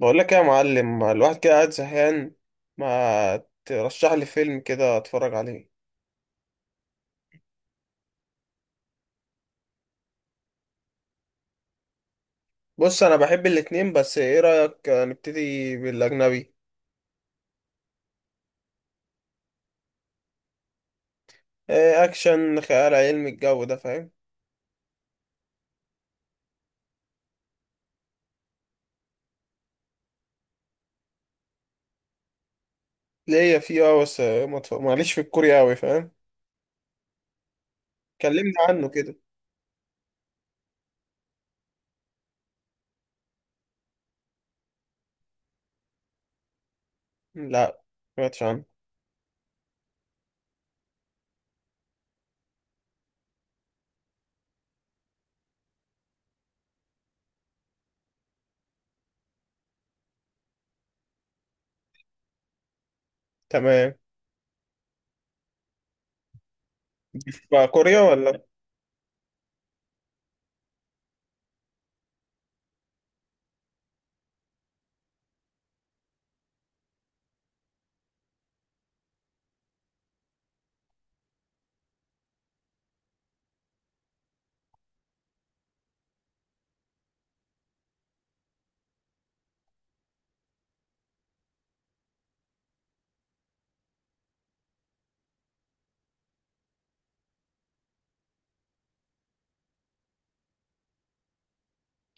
بقول لك يا معلم، الواحد كده قاعد زهقان. ما ترشح لي فيلم كده اتفرج عليه. بص انا بحب الاتنين، بس ايه رأيك نبتدي بالاجنبي؟ إيه، اكشن، خيال علمي، الجو ده، فاهم؟ ليا فيه اه، بس ما اتف- معليش في الكوري اوي، فاهم. كلمني عنه كده. لا، ما سمعتش عنه. تمام. بقى كوريا ولا؟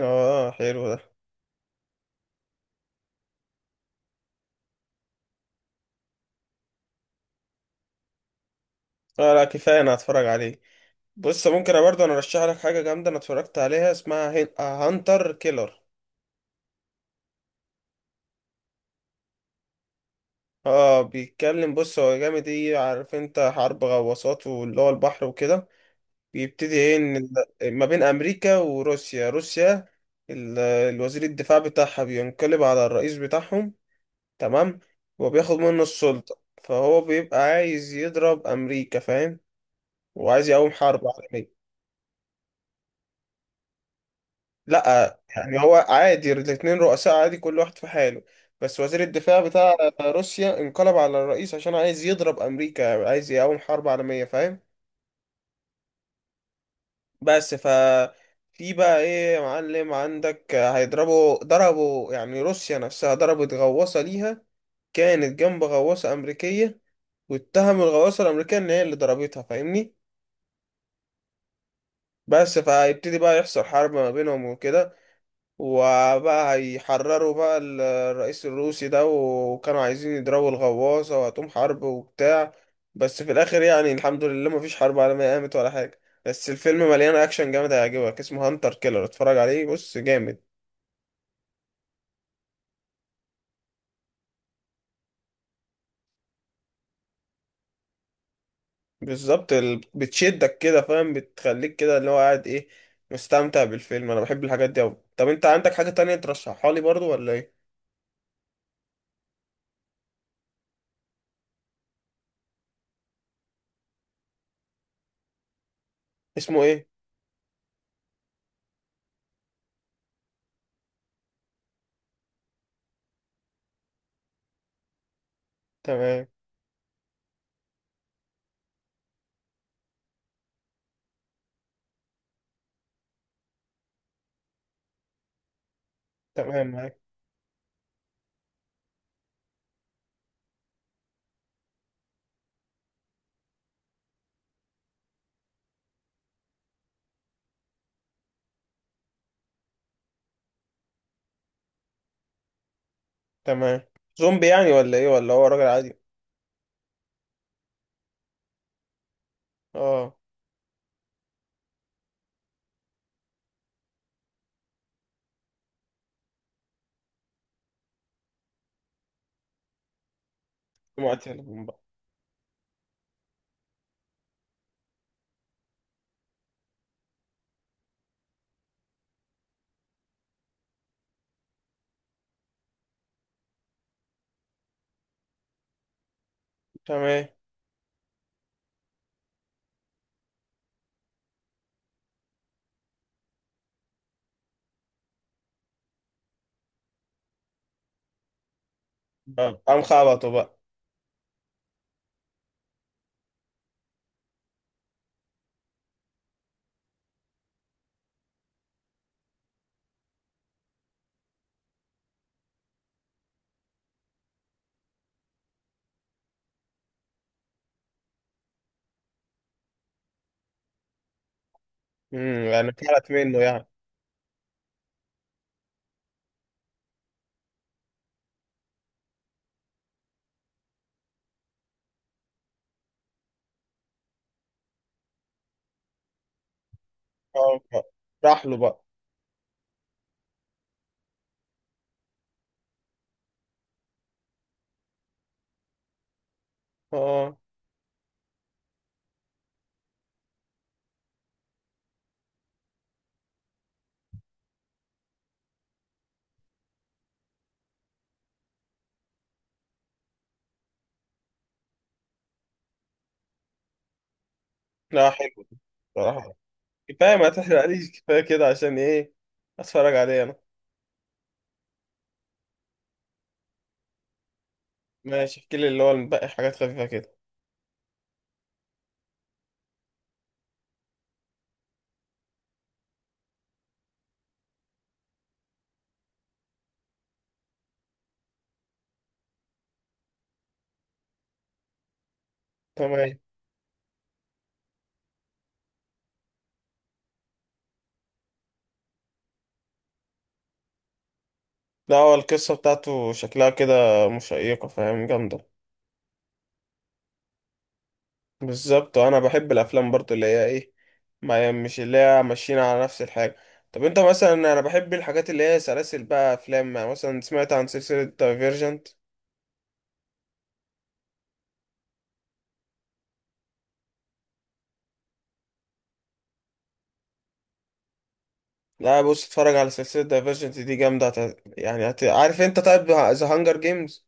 اه، حلو ده. اه لا، كفايه، انا هتفرج عليه. بص ممكن أنا برضه ارشح لك حاجه جامده انا اتفرجت عليها، اسمها هانتر كيلر. اه، بيتكلم، بص هو جامد، ايه عارف انت، حرب غواصات واللي هو البحر وكده. بيبتدي ايه، ان ما بين امريكا وروسيا، روسيا الوزير الدفاع بتاعها بينقلب على الرئيس بتاعهم، تمام، وبياخد منه السلطة، فهو بيبقى عايز يضرب امريكا، فاهم، وعايز يقوم حرب عالمية. لا يعني هو عادي، الاتنين رؤساء عادي كل واحد في حاله. بس وزير الدفاع بتاع روسيا انقلب على الرئيس عشان عايز يضرب امريكا، عايز يقوم حرب عالمية، فاهم. بس ف، في بقى ايه يا معلم عندك، هيضربوا، ضربوا يعني روسيا نفسها ضربت غواصة ليها، كانت جنب غواصة أمريكية، واتهموا الغواصة الأمريكية إن هي اللي ضربتها، فاهمني. بس فهيبتدي بقى يحصل حرب ما بينهم وكده، وبقى هيحرروا بقى الرئيس الروسي ده، وكانوا عايزين يضربوا الغواصة وهتقوم حرب وبتاع. بس في الآخر يعني الحمد لله مفيش حرب عالمية قامت ولا حاجة، بس الفيلم مليان أكشن جامد، هيعجبك، اسمه هانتر كيلر، اتفرج عليه، بص جامد. بالظبط، بتشدك كده فاهم، بتخليك كده اللي هو قاعد ايه، مستمتع بالفيلم. أنا بحب الحاجات دي أوي. طب أنت عندك حاجة تانية ترشحها لي برضو ولا ايه؟ اسمه ايه؟ تمام. تمام معاك. تمام. زومبي يعني ولا ايه، ولا هو راجل عادي؟ اه. معتلهم بقى. تمام. آه، قام خبطه بقى. امم، يعني طلعت منه يعني. اه بقى. راح له بقى. اه. لا حلو. بصراحة كفاية، ما تحرقليش، كفاية كده، عشان ايه، اتفرج عليه انا. ماشي، احكي لي اللي هو الباقي، حاجات خفيفة كده. تمام. لا هو القصة بتاعته شكلها كده مشيقة، فاهم، جامدة. بالظبط، انا بحب الافلام برضو اللي هي ايه، ما مش اللي هي ماشيين على نفس الحاجه. طب انت مثلا، انا بحب الحاجات اللي هي سلاسل بقى افلام، يعني مثلا سمعت عن سلسله دايفيرجنت؟ لا بص، اتفرج على سلسله دايفيرجنت دي جامده، يعني عارف انت، طيب ذا هانجر جيمز،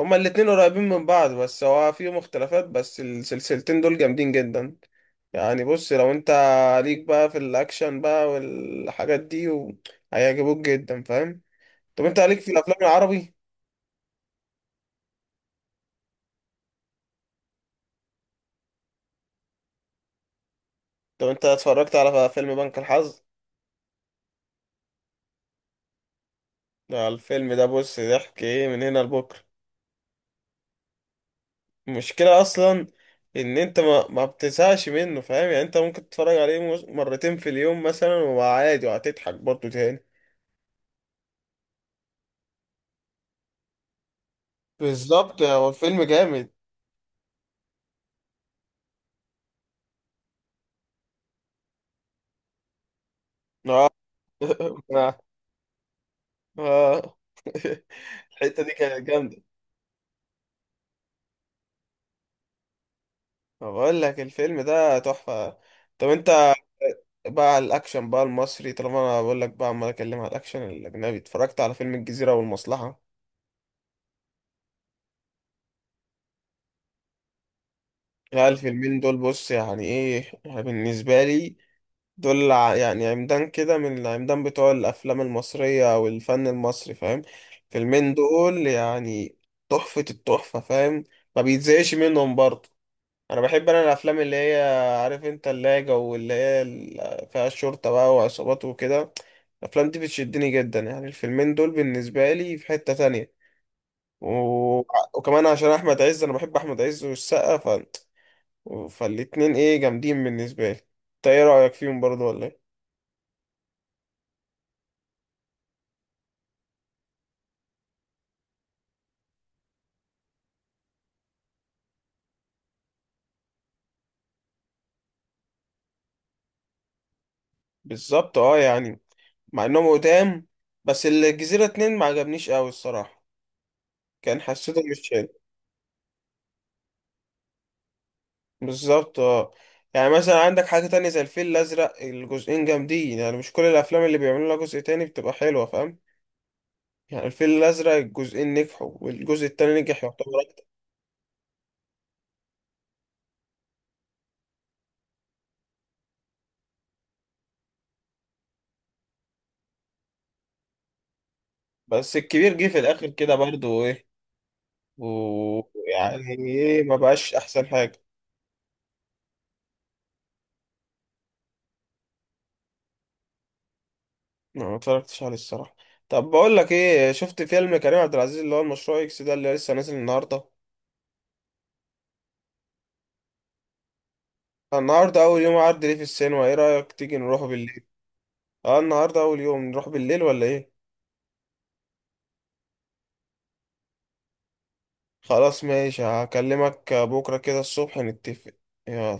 هما الاتنين قريبين من بعض، بس هو فيهم اختلافات، بس السلسلتين دول جامدين جدا. يعني بص لو انت ليك بقى في الاكشن بقى والحاجات دي و، هيعجبوك جدا، فاهم. طب انت ليك في الافلام العربي؟ لو انت اتفرجت على فيلم بنك الحظ ده، الفيلم ده بص ضحك ايه من هنا لبكره. المشكله اصلا ان انت ما بتزهقش منه، فاهم، يعني انت ممكن تتفرج عليه مرتين في اليوم مثلا، وعادي، وهتضحك برضه تاني. بالظبط، هو الفيلم جامد. اه، اه. الحته دي كانت جامده. بقول لك الفيلم ده تحفه. طب انت بقى على الاكشن بقى المصري، طالما انا بقول لك بقى عمال اكلم على الاكشن الاجنبي، اتفرجت على فيلم الجزيره والمصلحه؟ العيال في المين دول، بص يعني ايه يعني بالنسبة لي، دول يعني عمدان كده من العمدان بتوع الأفلام المصرية أو الفن المصري، فاهم. فيلمين دول يعني تحفة التحفة، فاهم، ما بيتزهقش منهم برضه. أنا بحب أنا الأفلام اللي هي عارف أنت، اللي هي جو اللي هي فيها الشرطة بقى وعصابات وكده. الأفلام دي بتشدني جدا، يعني الفيلمين دول بالنسبة لي في حتة تانية. و، وكمان عشان أحمد عز، أنا بحب أحمد عز والسقا، فالاتنين ايه جامدين بالنسبة لي. انت ايه رأيك فيهم برضو ولا ايه؟ بالظبط اه، يعني مع انهم قدام، بس الجزيرة اتنين ما عجبنيش قوي الصراحة، كان حسيته مش شاد. بالظبط اه، يعني مثلا عندك حاجة تانية زي الفيل الأزرق، الجزئين جامدين، يعني مش كل الأفلام اللي بيعملوا لها جزء تاني بتبقى حلوة، فاهم. يعني الفيل الأزرق الجزئين نجحوا، والجزء التاني نجح يعتبر أكتر. بس الكبير جه في الآخر كده برضو ايه، ويعني ايه، ما بقاش أحسن حاجة. ما اتفرجتش عليه الصراحة. طب بقول لك ايه، شفت فيلم كريم عبد العزيز اللي هو المشروع اكس ده اللي لسه نازل النهارده؟ النهارده اول يوم عرض ليه في السينما، ايه رأيك تيجي نروح بالليل؟ اه النهارده اول يوم، نروح بالليل ولا ايه؟ خلاص ماشي، هكلمك بكرة كده الصبح نتفق. يلا.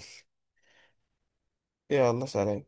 يلا سلام.